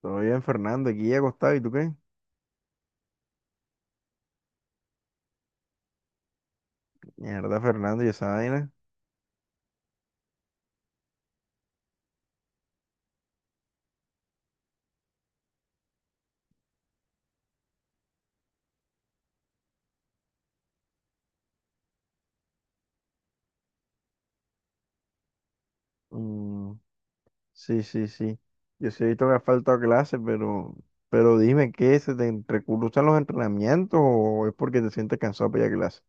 Todo bien, Fernando. Aquí ya acostado. ¿Y tú qué? Mierda, Fernando, ¿y esa vaina? Mm, sí, sí, sí. Yo sí he visto que has faltado a clase, pero dime, ¿qué? ¿Se te entrecruzan los entrenamientos o es porque te sientes cansado para ir a clase?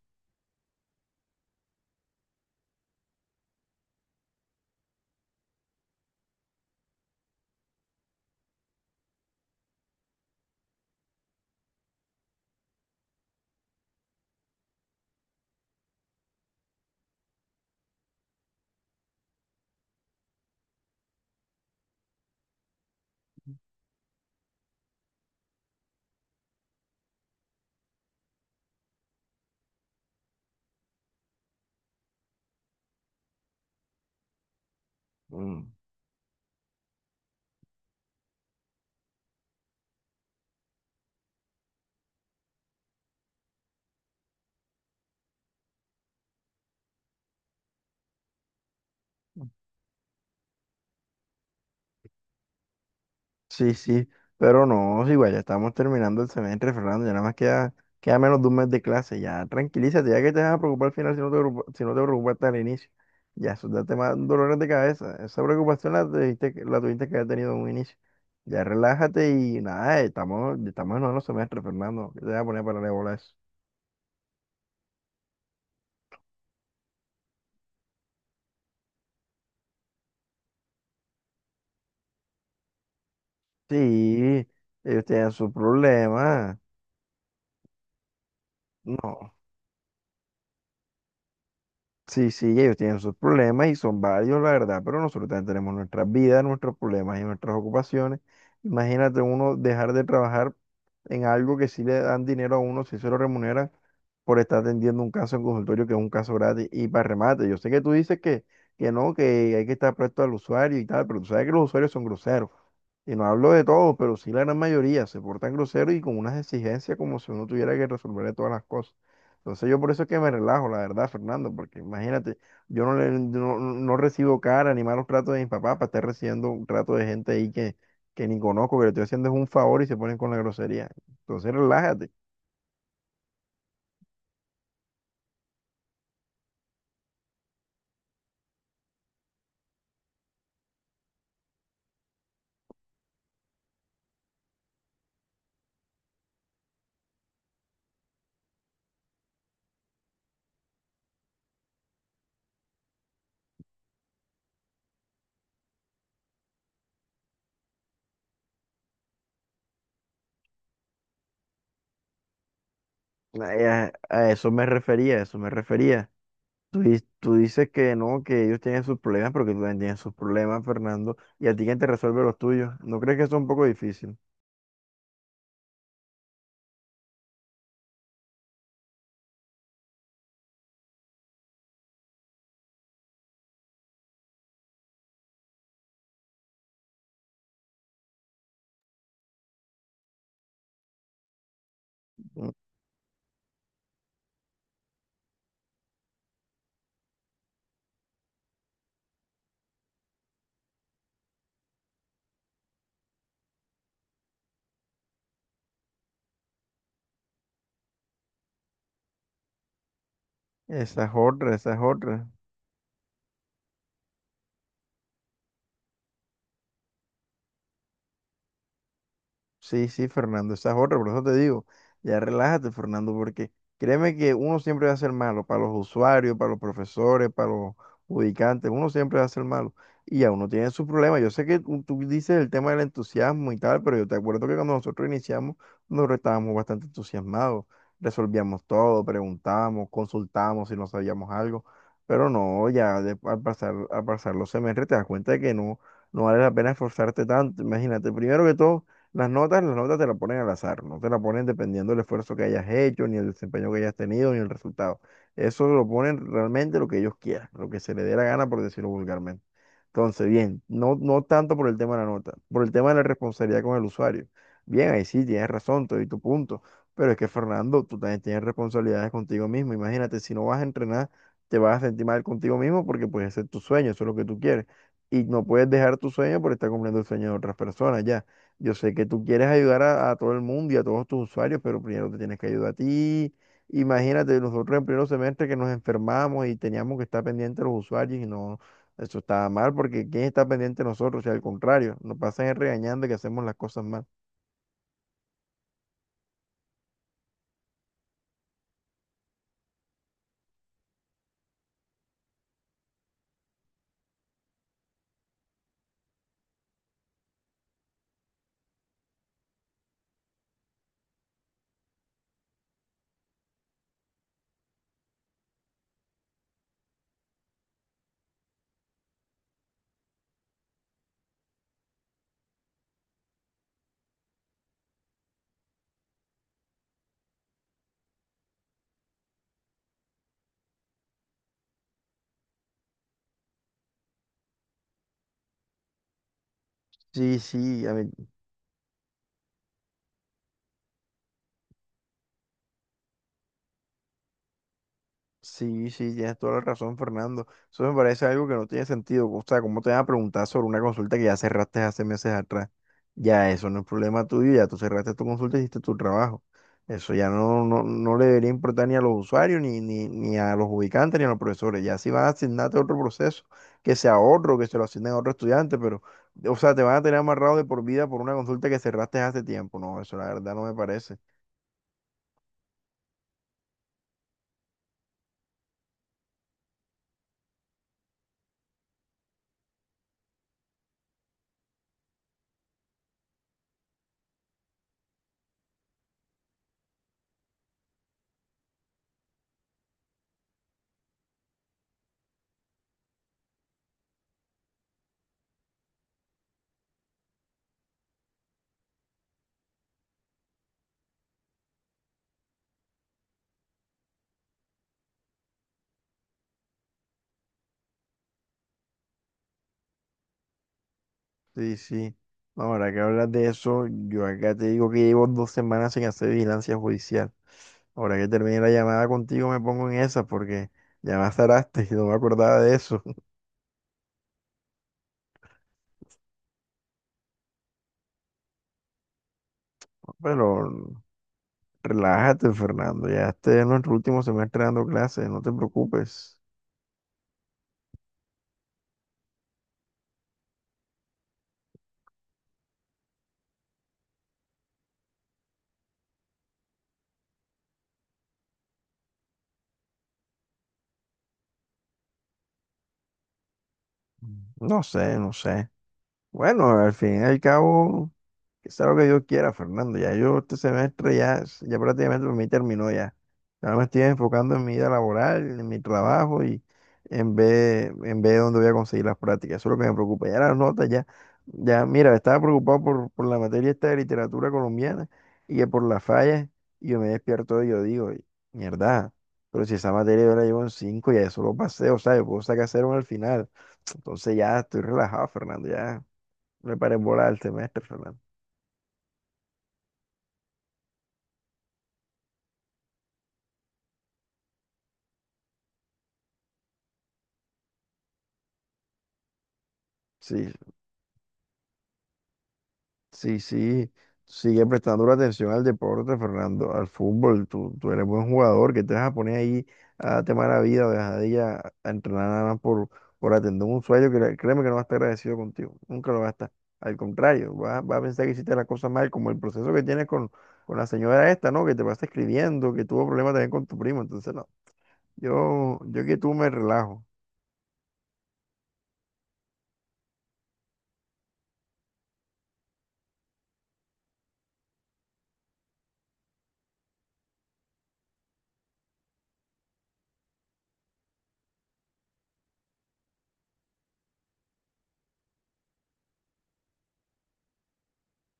Mm. Sí, sí, pero no, sí, igual ya estamos terminando el semestre, Fernando, ya nada más queda menos de un mes de clase. Ya tranquilízate, ya que te vas a preocupar al final si no te preocupaste al inicio. Ya eso ya te da dolores de cabeza, esa preocupación la tuviste, la tuviste que haber tenido en un inicio. Ya relájate y nada, estamos en noveno semestre, Fernando, que te voy a poner para la bola a eso. Sí, ellos tienen sus problemas, no. Sí, sí, ellos tienen sus problemas y son varios, la verdad, pero nosotros también tenemos nuestras vidas, nuestros problemas y nuestras ocupaciones. Imagínate uno dejar de trabajar en algo que sí le dan dinero a uno, si se lo remuneran por estar atendiendo un caso en consultorio que es un caso gratis y para remate. Yo sé que tú dices que, no, que hay que estar presto al usuario y tal, pero tú sabes que los usuarios son groseros. Y no hablo de todos, pero sí la gran mayoría se portan groseros y con unas exigencias como si uno tuviera que resolverle todas las cosas. Entonces yo por eso es que me relajo, la verdad, Fernando, porque imagínate, yo no, le, no recibo cara ni malos tratos de mis papás para estar recibiendo un trato de gente ahí que ni conozco, que le estoy haciendo es un favor y se ponen con la grosería. Entonces relájate. Ay, a eso me refería, a eso me refería. Tú dices que no, que ellos tienen sus problemas, pero que tú también tienes sus problemas, Fernando, y a ti quién te resuelve los tuyos. ¿No crees que eso es un poco difícil? Mm. Esa es otra, esa es otra. Sí, sí, Fernando, esa es otra, por eso te digo, ya relájate, Fernando, porque créeme que uno siempre va a ser malo, para los usuarios, para los profesores, para los ubicantes, uno siempre va a ser malo. Y ya uno tiene sus problemas. Yo sé que tú dices el tema del entusiasmo y tal, pero yo te acuerdo que cuando nosotros iniciamos, nosotros estábamos bastante entusiasmados, resolvíamos todo, preguntábamos, consultábamos si no sabíamos algo, pero no, al pasar los semestres te das cuenta de que no, no vale la pena esforzarte tanto. Imagínate, primero que todo, las notas te las ponen al azar, no te las ponen dependiendo del esfuerzo que hayas hecho, ni el desempeño que hayas tenido, ni el resultado. Eso lo ponen realmente lo que ellos quieran, lo que se les dé la gana, por decirlo vulgarmente. Entonces, bien, no, no tanto por el tema de la nota, por el tema de la responsabilidad con el usuario. Bien, ahí sí, tienes razón, te doy tu punto, pero es que Fernando, tú también tienes responsabilidades contigo mismo. Imagínate, si no vas a entrenar, te vas a sentir mal contigo mismo porque puede ser tu sueño, eso es lo que tú quieres. Y no puedes dejar tu sueño por estar cumpliendo el sueño de otras personas, ya. Yo sé que tú quieres ayudar a todo el mundo y a todos tus usuarios, pero primero te tienes que ayudar a ti. Imagínate, nosotros en primer semestre que nos enfermamos y teníamos que estar pendientes de los usuarios y no, eso estaba mal porque ¿quién está pendiente de nosotros? O sea, al contrario, nos pasan regañando que hacemos las cosas mal. Sí, sí, a mí sí, sí, tienes toda la razón, Fernando. Eso me parece algo que no tiene sentido. O sea, ¿cómo te van a preguntar sobre una consulta que ya cerraste hace meses atrás? Ya eso no es problema tuyo, ya tú cerraste tu consulta y hiciste tu trabajo. Eso ya no, no, no le debería importar ni a los usuarios, ni a los ubicantes, ni a los profesores. Ya si van a asignarte otro proceso, que sea otro, que se lo asignen a otro estudiante, pero, o sea, te van a tener amarrado de por vida por una consulta que cerraste hace tiempo. No, eso la verdad no me parece. Sí, sí. No, ahora que hablas de eso, yo acá te digo que llevo 2 semanas sin hacer vigilancia judicial. Ahora que termine la llamada contigo me pongo en esa porque ya me azaraste y no me acordaba de eso. Pero relájate, Fernando. Ya este es nuestro último semestre dando clases, no te preocupes. No sé, no sé. Bueno, al fin y al cabo, que sea lo que yo quiera, Fernando. Ya yo este semestre ya, ya prácticamente para mí terminó ya. Ahora me estoy enfocando en mi vida laboral, en mi trabajo y en ver dónde voy a conseguir las prácticas. Eso es lo que me preocupa. Ya las notas, ya, ya, mira, estaba preocupado por la materia esta de literatura colombiana y que por las fallas, y yo me despierto y yo digo, mierda, pero si esa materia yo la llevo en 5 ya eso lo pasé, o sea, yo puedo sacar cero al final. Entonces ya estoy relajado, Fernando, ya me paré en bola el semestre, Fernando. Sí, sí, sí, sigue prestando la atención al deporte, Fernando, al fútbol. Tú eres buen jugador, que te vas a poner ahí a tema de la vida o dejadilla a entrenar nada más por atender un sueño que le- créeme que no va a estar agradecido contigo, nunca lo va a estar. Al contrario, va a pensar que hiciste la cosa mal, como el proceso que tienes con la señora esta, ¿no? Que te pasa escribiendo, que tuvo problemas también con tu primo. Entonces, no, yo que tú me relajo.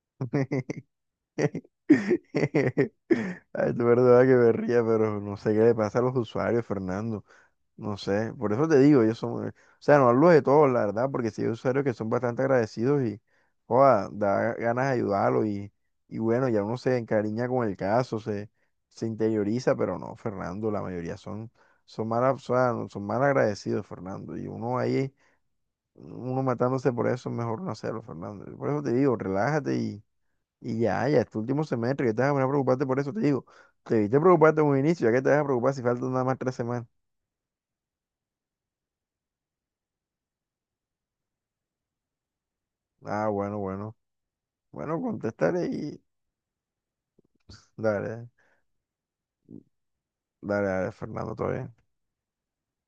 Ay, es verdad que me ría, pero no sé qué le pasa a los usuarios, Fernando. No sé, por eso te digo, ellos son, o sea, no hablo de todos, la verdad, porque sí hay usuarios que son bastante agradecidos y, joda, da ganas de ayudarlo y bueno, ya uno se encariña con el caso, se interioriza, pero no, Fernando, la mayoría son, son mal, o sea, no- son mal agradecidos, Fernando, y uno ahí, uno matándose por eso, es mejor no hacerlo, Fernando. Por eso te digo, relájate y ya, ya, este último semestre, que te vas a poner a preocuparte por eso, te digo. Te debiste preocuparte en un inicio, ya que te vas a preocupar si faltan nada más 3 semanas. Ah, bueno, bueno. Bueno, contestaré y... Dale, dale, dale, Fernando, todavía.